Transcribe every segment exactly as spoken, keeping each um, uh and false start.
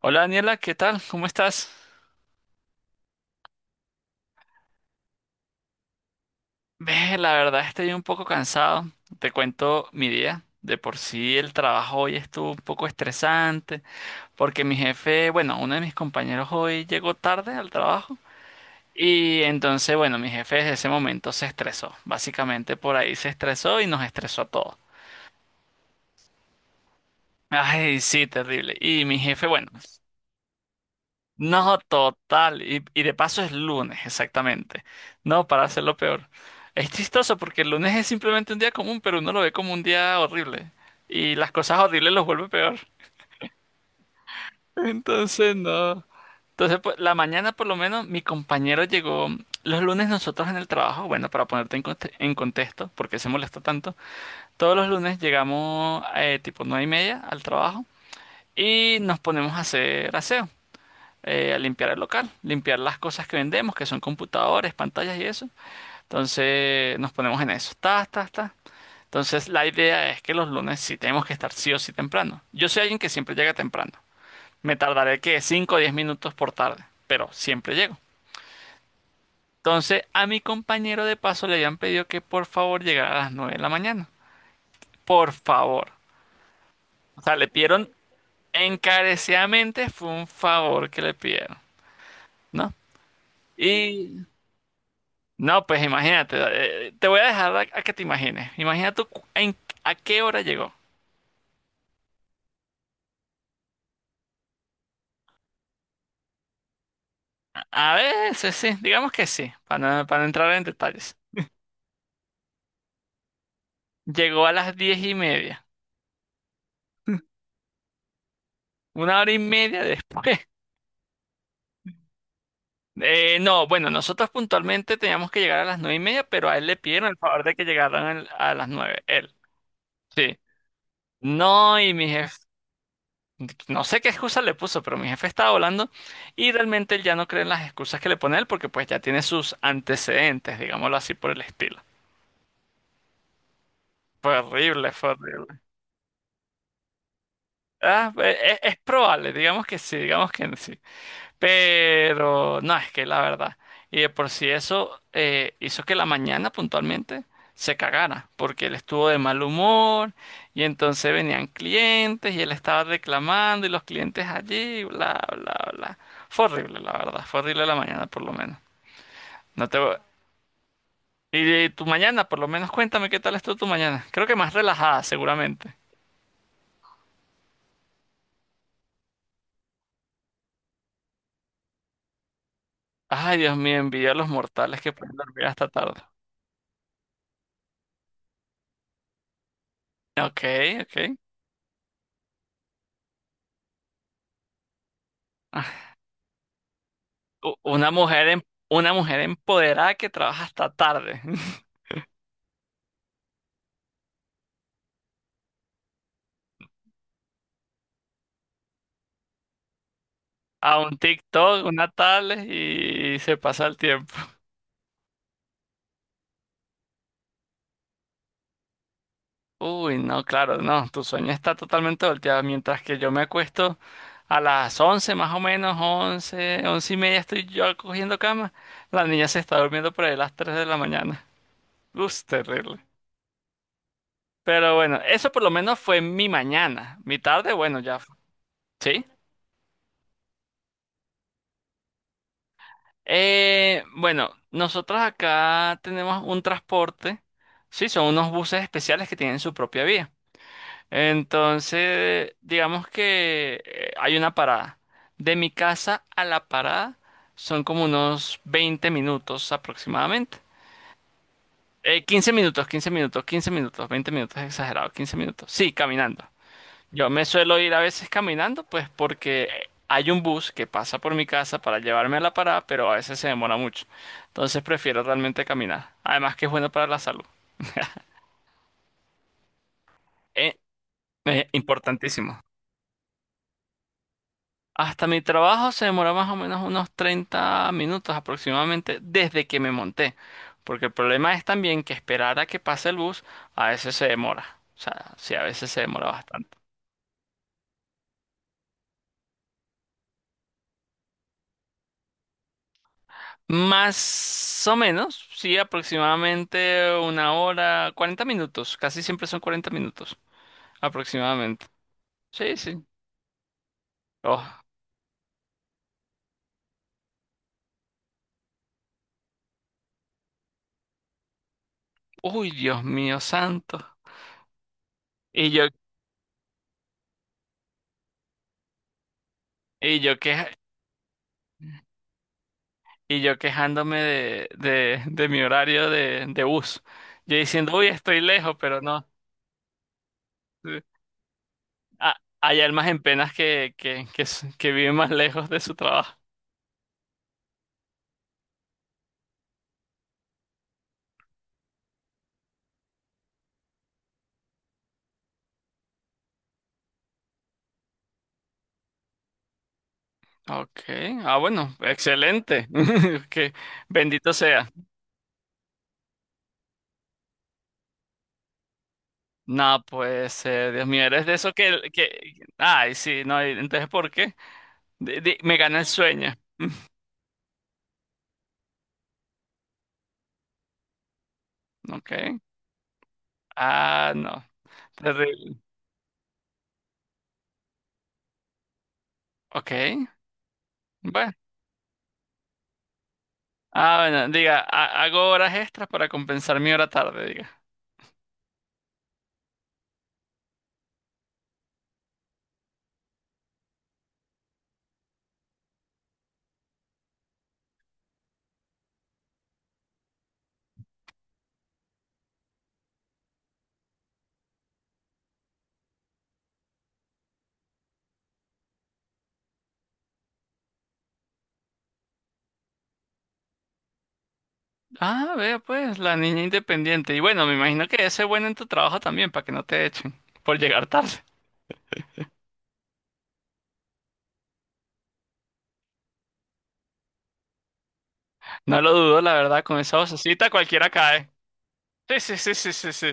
Hola Daniela, ¿qué tal? ¿Cómo estás? Ve, la verdad estoy un poco cansado. Te cuento mi día. De por sí el trabajo hoy estuvo un poco estresante porque mi jefe, bueno, uno de mis compañeros hoy llegó tarde al trabajo y entonces, bueno, mi jefe desde ese momento se estresó. Básicamente por ahí se estresó y nos estresó a todos. Ay, sí, terrible. Y mi jefe, bueno. No, total. Y, y de paso es lunes, exactamente. No, para hacerlo peor. Es chistoso porque el lunes es simplemente un día común, pero uno lo ve como un día horrible. Y las cosas horribles los vuelve peor. Entonces, no. Entonces, pues, la mañana por lo menos mi compañero llegó. Los lunes nosotros en el trabajo, bueno, para ponerte en, conte- en contexto, porque se molesta tanto, todos los lunes llegamos eh, tipo nueve y media al trabajo y nos ponemos a hacer aseo. Eh, a limpiar el local, limpiar las cosas que vendemos, que son computadores, pantallas y eso. Entonces nos ponemos en eso. Ta, ta, ta. Entonces la idea es que los lunes sí tenemos que estar sí o sí temprano. Yo soy alguien que siempre llega temprano. Me tardaré que cinco o diez minutos por tarde, pero siempre llego. Entonces a mi compañero de paso le habían pedido que por favor llegara a las nueve de la mañana. Por favor. O sea, le pidieron encarecidamente, fue un favor que le pidieron, ¿no? Y No, pues imagínate, eh, te voy a dejar a, a que te imagines. Imagina tú cu- en- a qué hora llegó. A veces sí, digamos que sí, para no, para no entrar en detalles. Llegó a las diez y media, una hora y media después. Eh, no, bueno, nosotros puntualmente teníamos que llegar a las nueve y media, pero a él le pidieron el favor de que llegaran el- a las nueve, él. Sí. No, y mi jefe, no sé qué excusa le puso, pero mi jefe estaba volando y realmente él ya no cree en las excusas que le pone él porque pues ya tiene sus antecedentes, digámoslo así por el estilo. Fue horrible, fue horrible. Ah, e- e- es, probable, digamos que sí, digamos que sí. Pero no, es que la verdad. Y de por sí eso eh, hizo que la mañana puntualmente se cagara, porque él estuvo de mal humor y entonces venían clientes y él estaba reclamando y los clientes allí, bla, bla, bla. Fue horrible, la verdad. Fue horrible la mañana, por lo menos. No te voy- Y, y tu mañana, por lo menos cuéntame qué tal estuvo tu mañana. Creo que más relajada, seguramente. Ay, Dios mío, envidia a los mortales que pueden dormir hasta tarde. Ok, ok. Ah, u- Una mujer, em- una mujer empoderada que trabaja hasta tarde. A un TikTok, una tablet y se pasa el tiempo. Uy, no, claro, no. Tu sueño está totalmente volteado. Mientras que yo me acuesto a las once, más o menos, once, once y media estoy yo cogiendo cama. La niña se está durmiendo por ahí a las tres de la mañana. Uf, terrible. Pero bueno, eso por lo menos fue mi mañana. Mi tarde, bueno, ya sí. Eh, bueno, nosotros acá tenemos un transporte. Sí, son unos buses especiales que tienen su propia vía. Entonces, digamos que eh, hay una parada. De mi casa a la parada son como unos veinte minutos aproximadamente. Eh, quince minutos, quince minutos, quince minutos, veinte minutos, exagerado, quince minutos. Sí, caminando. Yo me suelo ir a veces caminando, pues porque hay un bus que pasa por mi casa para llevarme a la parada, pero a veces se demora mucho. Entonces prefiero realmente caminar. Además que es bueno para la salud. Eh, eh, Importantísimo. Hasta mi trabajo se demora más o menos unos treinta minutos aproximadamente desde que me monté. Porque el problema es también que esperar a que pase el bus a veces se demora. O sea, sí, a veces se demora bastante. Más o menos, sí, aproximadamente una hora, cuarenta minutos, casi siempre son cuarenta minutos, aproximadamente. Sí, sí. Oh, uy, Dios mío santo. Y yo, y yo queja- y yo quejándome de, de, de mi horario de, de bus. Yo diciendo, uy, estoy lejos, pero no. Sí. Ah, hay almas en penas que, que, que, s- que viven más lejos de su trabajo. Ok, ah, bueno, excelente. Que bendito sea. No, pues, eh, Dios mío, eres de eso que, que... Ay, sí, no, y entonces, ¿por qué? Di- di- me gana el sueño. Ok. Ah, no. Terrible. Ok. Bueno. Ah, bueno, diga, ha- hago horas extras para compensar mi hora tarde, diga. Ah, vea pues, la niña independiente. Y bueno, me imagino que ese es bueno en tu trabajo también, para que no te echen por llegar tarde. No lo dudo, la verdad, con esa vocecita cualquiera cae. Sí, sí, sí, sí, sí, sí.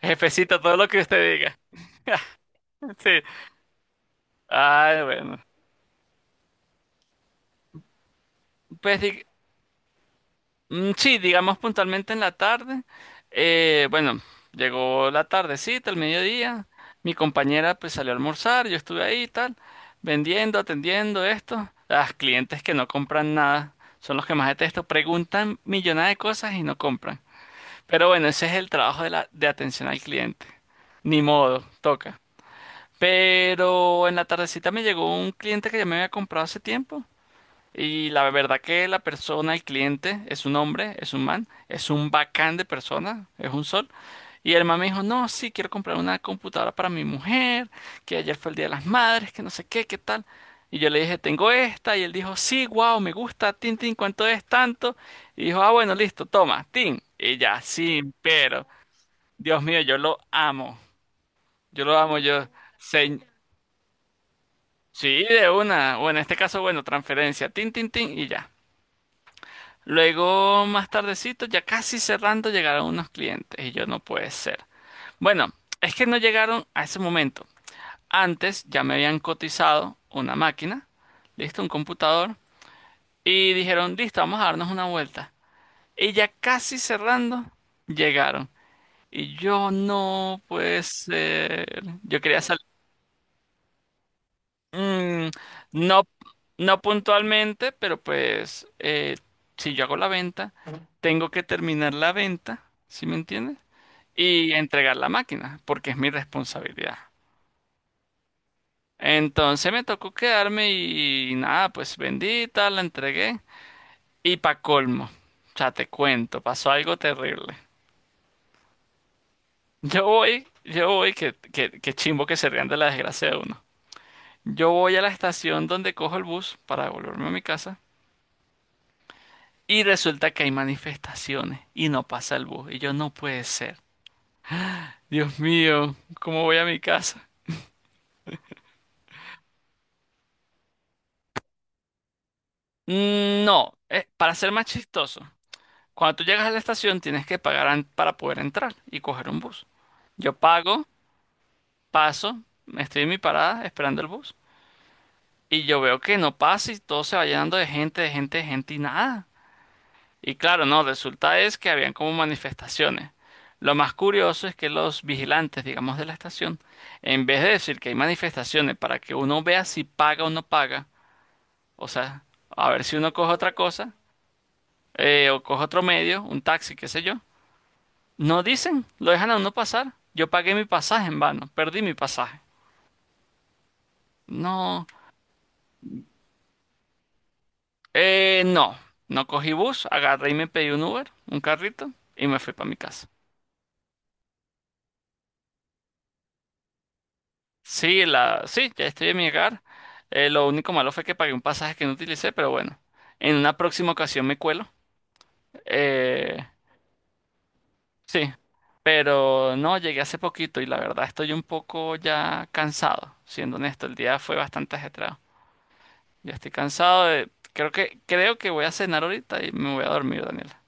Jefecita, todo lo que usted diga. Sí. Ay, bueno. Pues di- mm, sí, digamos puntualmente en la tarde. Eh, bueno, llegó la tardecita, el mediodía. Mi compañera pues salió a almorzar, yo estuve ahí y tal, vendiendo, atendiendo esto. Las clientes que no compran nada son los que más detesto. Preguntan millonadas de cosas y no compran. Pero bueno, ese es el trabajo de la, de atención al cliente. Ni modo, toca. Pero en la tardecita me llegó un cliente que ya me había comprado hace tiempo. Y la verdad que la persona, el cliente, es un hombre, es un man, es un bacán de persona, es un sol. Y el man me dijo, no, sí, quiero comprar una computadora para mi mujer, que ayer fue el Día de las Madres, que no sé qué, qué tal. Y yo le dije, tengo esta, y él dijo, sí, wow, me gusta, tin, tin, ¿cuánto es tanto? Y dijo, ah, bueno, listo, toma, tin. Y ya, sí, pero, Dios mío, yo lo amo, yo lo amo, yo, se- sí, de una, o en este caso, bueno, transferencia, tin, tin, tin, y ya. Luego, más tardecito, ya casi cerrando, llegaron unos clientes y yo no puede ser. Bueno, es que no llegaron a ese momento. Antes ya me habían cotizado una máquina, listo, un computador, y dijeron, listo, vamos a darnos una vuelta. Y ya casi cerrando, llegaron. Y yo no puede ser. Yo quería salir. Mm, no, no puntualmente, pero pues eh, si yo hago la venta, tengo que terminar la venta, ¿sí me entiendes? Y entregar la máquina, porque es mi responsabilidad. Entonces me tocó quedarme y, nada, pues bendita, la entregué. Y pa' colmo, o sea, te cuento, pasó algo terrible. Yo voy, yo voy, que, que, que chimbo que se rían de la desgracia de uno. Yo voy a la estación donde cojo el bus para volverme a mi casa. Y resulta que hay manifestaciones y no pasa el bus. Y yo no puede ser. Dios mío, ¿cómo voy a mi casa? Mm, No, eh, para ser más chistoso, cuando tú llegas a la estación tienes que pagar an- para poder entrar y coger un bus. Yo pago, paso, me estoy en mi parada esperando el bus. Y yo veo que no pasa y todo se va llenando de gente, de gente, de gente y nada. Y claro, no, resulta es que habían como manifestaciones. Lo más curioso es que los vigilantes, digamos, de la estación, en vez de decir que hay manifestaciones para que uno vea si paga o no paga, o sea, a ver si uno coge otra cosa, eh, o coge otro medio, un taxi, qué sé yo, no dicen, lo dejan a uno pasar. Yo pagué mi pasaje en vano, perdí mi pasaje. No, eh, no, no cogí bus, agarré y me pedí un Uber, un carrito, y me fui para mi casa. Sí, la, sí, ya estoy en mi hogar. Eh, lo único malo fue que pagué un pasaje que no utilicé, pero bueno, en una próxima ocasión me cuelo. Eh, sí, pero no, llegué hace poquito y la verdad estoy un poco ya cansado, siendo honesto, el día fue bastante ajetreado. Ya estoy cansado de- creo que, creo que, voy a cenar ahorita y me voy a dormir, Daniela.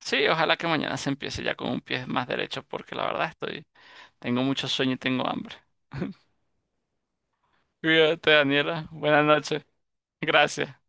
Sí, ojalá que mañana se empiece ya con un pie más derecho, porque la verdad estoy, tengo mucho sueño y tengo hambre. Cuídate, Daniela. Buenas noches. Gracias.